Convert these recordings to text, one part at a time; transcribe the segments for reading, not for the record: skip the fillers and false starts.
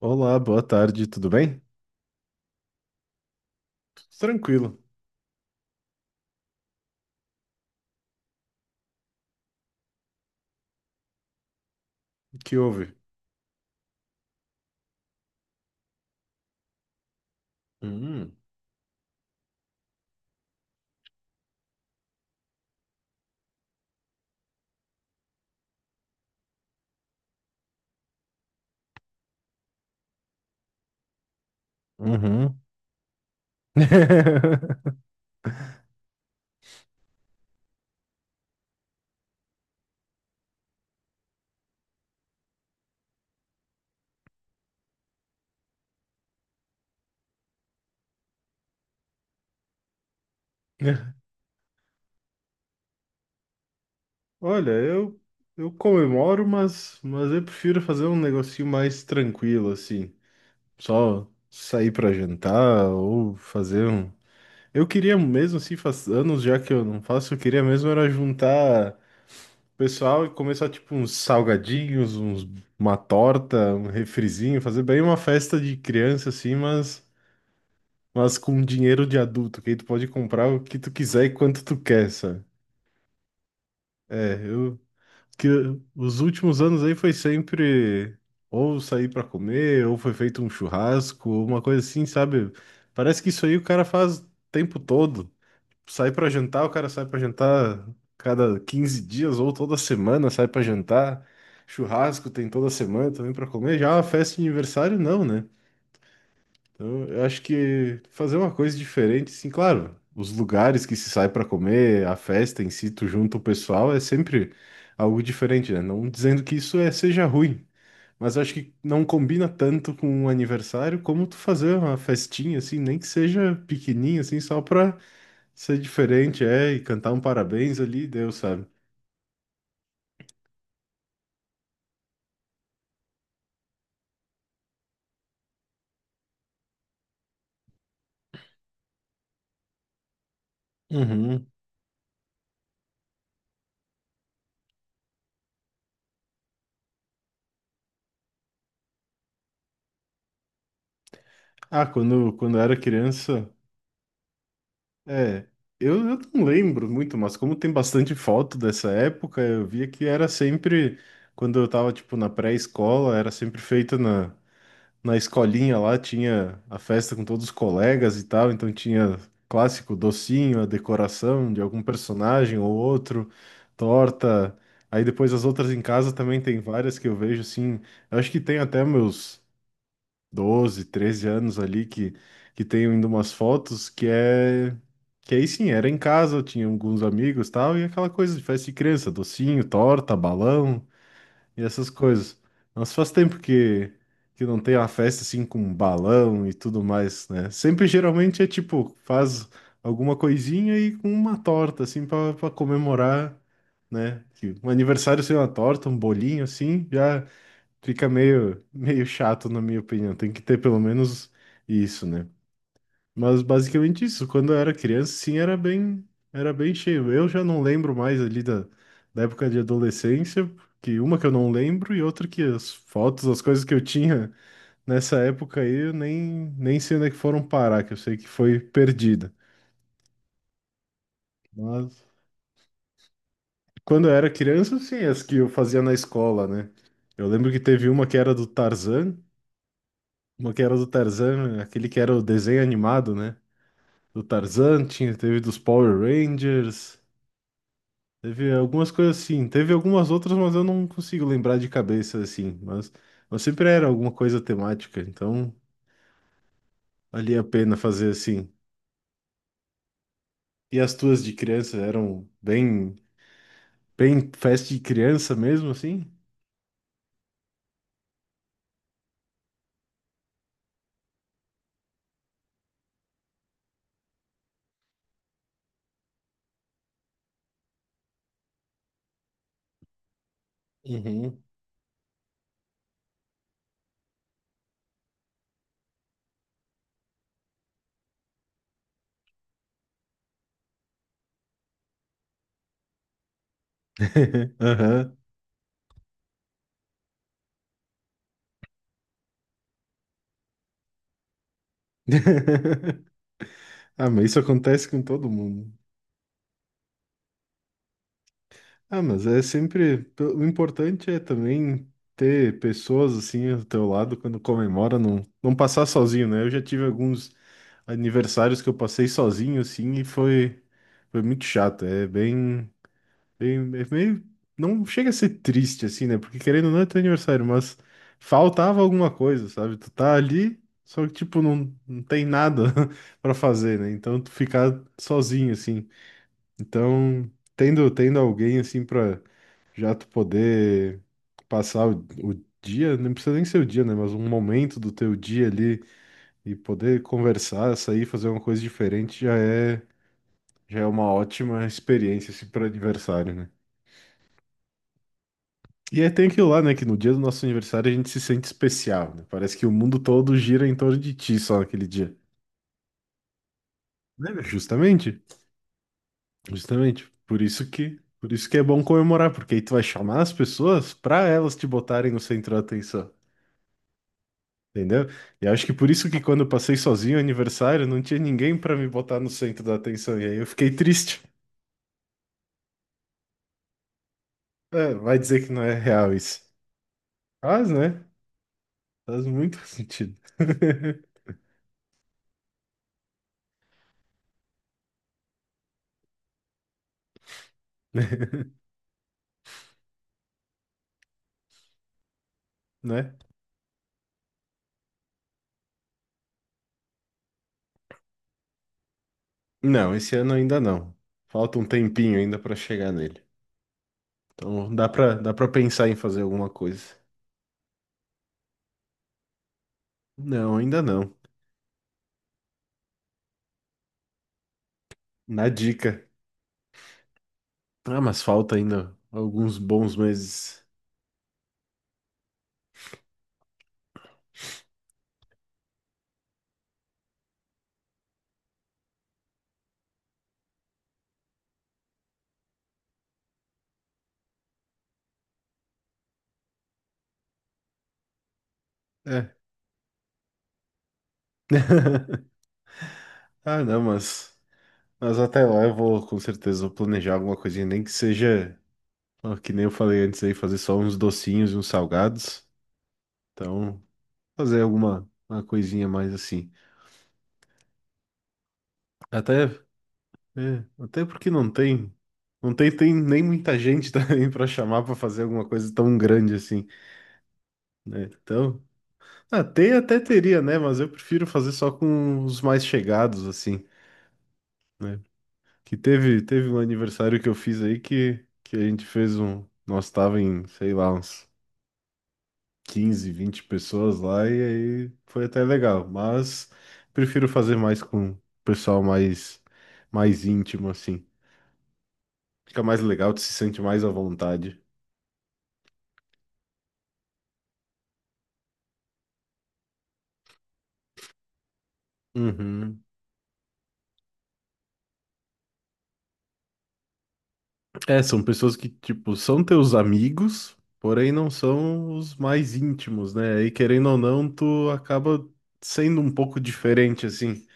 Olá, boa tarde, tudo bem? Tudo tranquilo. O que houve? Hum, uhum. Olha, eu comemoro, mas eu prefiro fazer um negocinho mais tranquilo, assim. Só sair pra jantar ou fazer um. Eu queria mesmo, assim, faz anos já que eu não faço, eu queria mesmo era juntar o pessoal e começar, tipo, uns salgadinhos, uns, uma torta, um refrizinho, fazer bem uma festa de criança, assim, mas. Mas com dinheiro de adulto, que aí tu pode comprar o que tu quiser e quanto tu quer, sabe? É, os últimos anos aí foi sempre ou sair pra comer, ou foi feito um churrasco, ou uma coisa assim, sabe? Parece que isso aí o cara faz o tempo todo. Sai pra jantar, o cara sai pra jantar cada 15 dias ou toda semana, sai pra jantar. Churrasco tem toda semana também pra comer. Já é uma festa de aniversário não, né? Então, eu acho que fazer uma coisa diferente, sim, claro. Os lugares que se sai para comer, a festa em si, tu junta o pessoal, é sempre algo diferente, né? Não dizendo que isso é, seja ruim, mas acho que não combina tanto com um aniversário como tu fazer uma festinha, assim, nem que seja pequenininha, assim, só pra ser diferente, é, e cantar um parabéns ali, Deus sabe. Uhum. Ah, quando eu era criança. É, eu não lembro muito, mas como tem bastante foto dessa época, eu via que era sempre, quando eu tava, tipo, na pré-escola, era sempre feita na, na escolinha lá, tinha a festa com todos os colegas e tal, então tinha clássico docinho, a decoração de algum personagem ou outro, torta, aí depois as outras em casa também tem várias que eu vejo, assim, eu acho que tem até meus 12, 13 anos ali que tenho ainda umas fotos que é. Que aí sim, era em casa, eu tinha alguns amigos e tal, e aquela coisa de festa de criança, docinho, torta, balão e essas coisas. Mas faz tempo que não tem uma festa assim com balão e tudo mais, né? Sempre geralmente é tipo, faz alguma coisinha e com uma torta, assim, pra comemorar, né? Que um aniversário sem uma torta, um bolinho assim, já. Fica meio, meio chato, na minha opinião. Tem que ter pelo menos isso, né? Mas basicamente isso. Quando eu era criança, sim, era bem cheio. Eu já não lembro mais ali da, da época de adolescência, que uma que eu não lembro e outra que as fotos, as coisas que eu tinha nessa época aí, eu nem sei onde é que foram parar, que eu sei que foi perdida. Mas quando eu era criança, sim, as que eu fazia na escola, né? Eu lembro que teve uma que era do Tarzan. Uma que era do Tarzan, aquele que era o desenho animado, né? Do Tarzan, tinha, teve dos Power Rangers, teve algumas coisas assim, teve algumas outras, mas eu não consigo lembrar de cabeça assim, mas sempre era alguma coisa temática, então valia a pena fazer assim. E as tuas de criança eram bem, bem festa de criança mesmo, assim? Uhum. Aham. Ah, mas isso acontece com todo mundo. Ah, mas é sempre. O importante é também ter pessoas assim ao teu lado quando comemora, não passar sozinho, né? Eu já tive alguns aniversários que eu passei sozinho, assim, e foi, foi muito chato. É bem, bem. É meio. Não chega a ser triste, assim, né? Porque querendo ou não é teu aniversário, mas faltava alguma coisa, sabe? Tu tá ali, só que, tipo, não, não tem nada pra fazer, né? Então tu ficar sozinho, assim. Então. Tendo alguém assim para já tu poder passar o dia, não precisa nem ser o dia, né? Mas um momento do teu dia ali e poder conversar, sair, fazer uma coisa diferente já é uma ótima experiência, assim, para aniversário, né? E aí tem aquilo lá, né? Que no dia do nosso aniversário a gente se sente especial, né? Parece que o mundo todo gira em torno de ti só naquele dia. Né, meu? Justamente, justamente. Por isso que é bom comemorar, porque aí tu vai chamar as pessoas para elas te botarem no centro da atenção. Entendeu? E acho que por isso que quando eu passei sozinho o aniversário, não tinha ninguém pra me botar no centro da atenção. E aí eu fiquei triste. É, vai dizer que não é real isso. Faz, né? Faz muito sentido. Né? Não, esse ano ainda não. Falta um tempinho ainda pra chegar nele. Então dá para pensar em fazer alguma coisa. Não, ainda não. Na dica. Ah, mas falta ainda alguns bons meses. É. Ah, não, mas até lá eu vou com certeza vou planejar alguma coisinha, nem que seja Ó, que nem eu falei antes aí, fazer só uns docinhos e uns salgados. Então, fazer alguma uma coisinha mais assim. Até, é, até porque não tem, não tem, tem nem muita gente também pra chamar pra fazer alguma coisa tão grande assim, né? Então, até teria, né? Mas eu prefiro fazer só com os mais chegados assim, né? Que teve um aniversário que eu fiz aí que a gente fez um, nós tava em, sei lá, uns 15, 20 pessoas lá e aí foi até legal, mas prefiro fazer mais com pessoal mais íntimo assim. Fica mais legal, tu se sente mais à vontade. Uhum. É, são pessoas que tipo são teus amigos, porém não são os mais íntimos, né? E querendo ou não, tu acaba sendo um pouco diferente assim.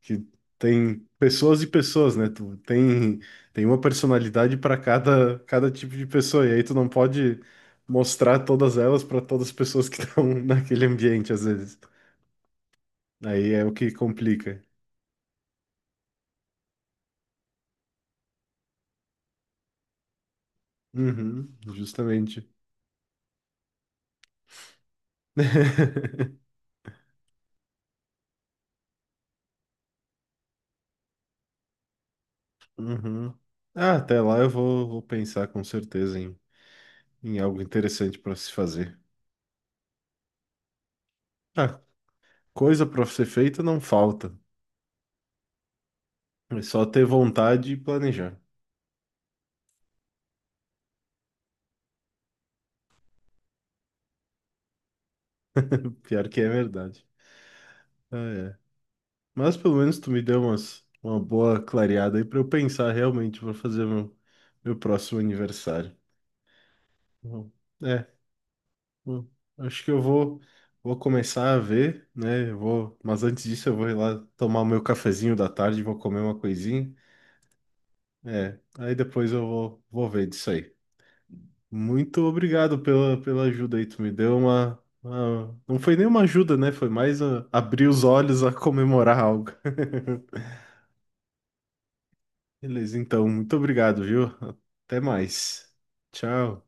Que tem pessoas e pessoas, né? Tu tem, tem uma personalidade para cada tipo de pessoa, e aí tu não pode mostrar todas elas para todas as pessoas que estão naquele ambiente, às vezes. Aí é o que complica. Uhum, justamente. Uhum. Ah, até lá eu vou, vou pensar com certeza em, em algo interessante para se fazer. Ah, coisa para ser feita não falta. É só ter vontade e planejar. Pior que é verdade. Ah, é. Mas pelo menos tu me deu umas, uma boa clareada aí pra eu pensar realmente pra fazer meu, meu próximo aniversário. Bom, É, bom, acho que eu vou, vou começar a ver, né? Eu vou, mas antes disso eu vou ir lá tomar o meu cafezinho da tarde, vou comer uma coisinha. É, aí depois eu vou, vou ver disso aí. Muito obrigado pela, pela ajuda aí, tu me deu uma- Não foi nem uma ajuda, né? Foi mais ah, abrir os olhos a comemorar algo. Beleza, então, muito obrigado, viu? Até mais. Tchau.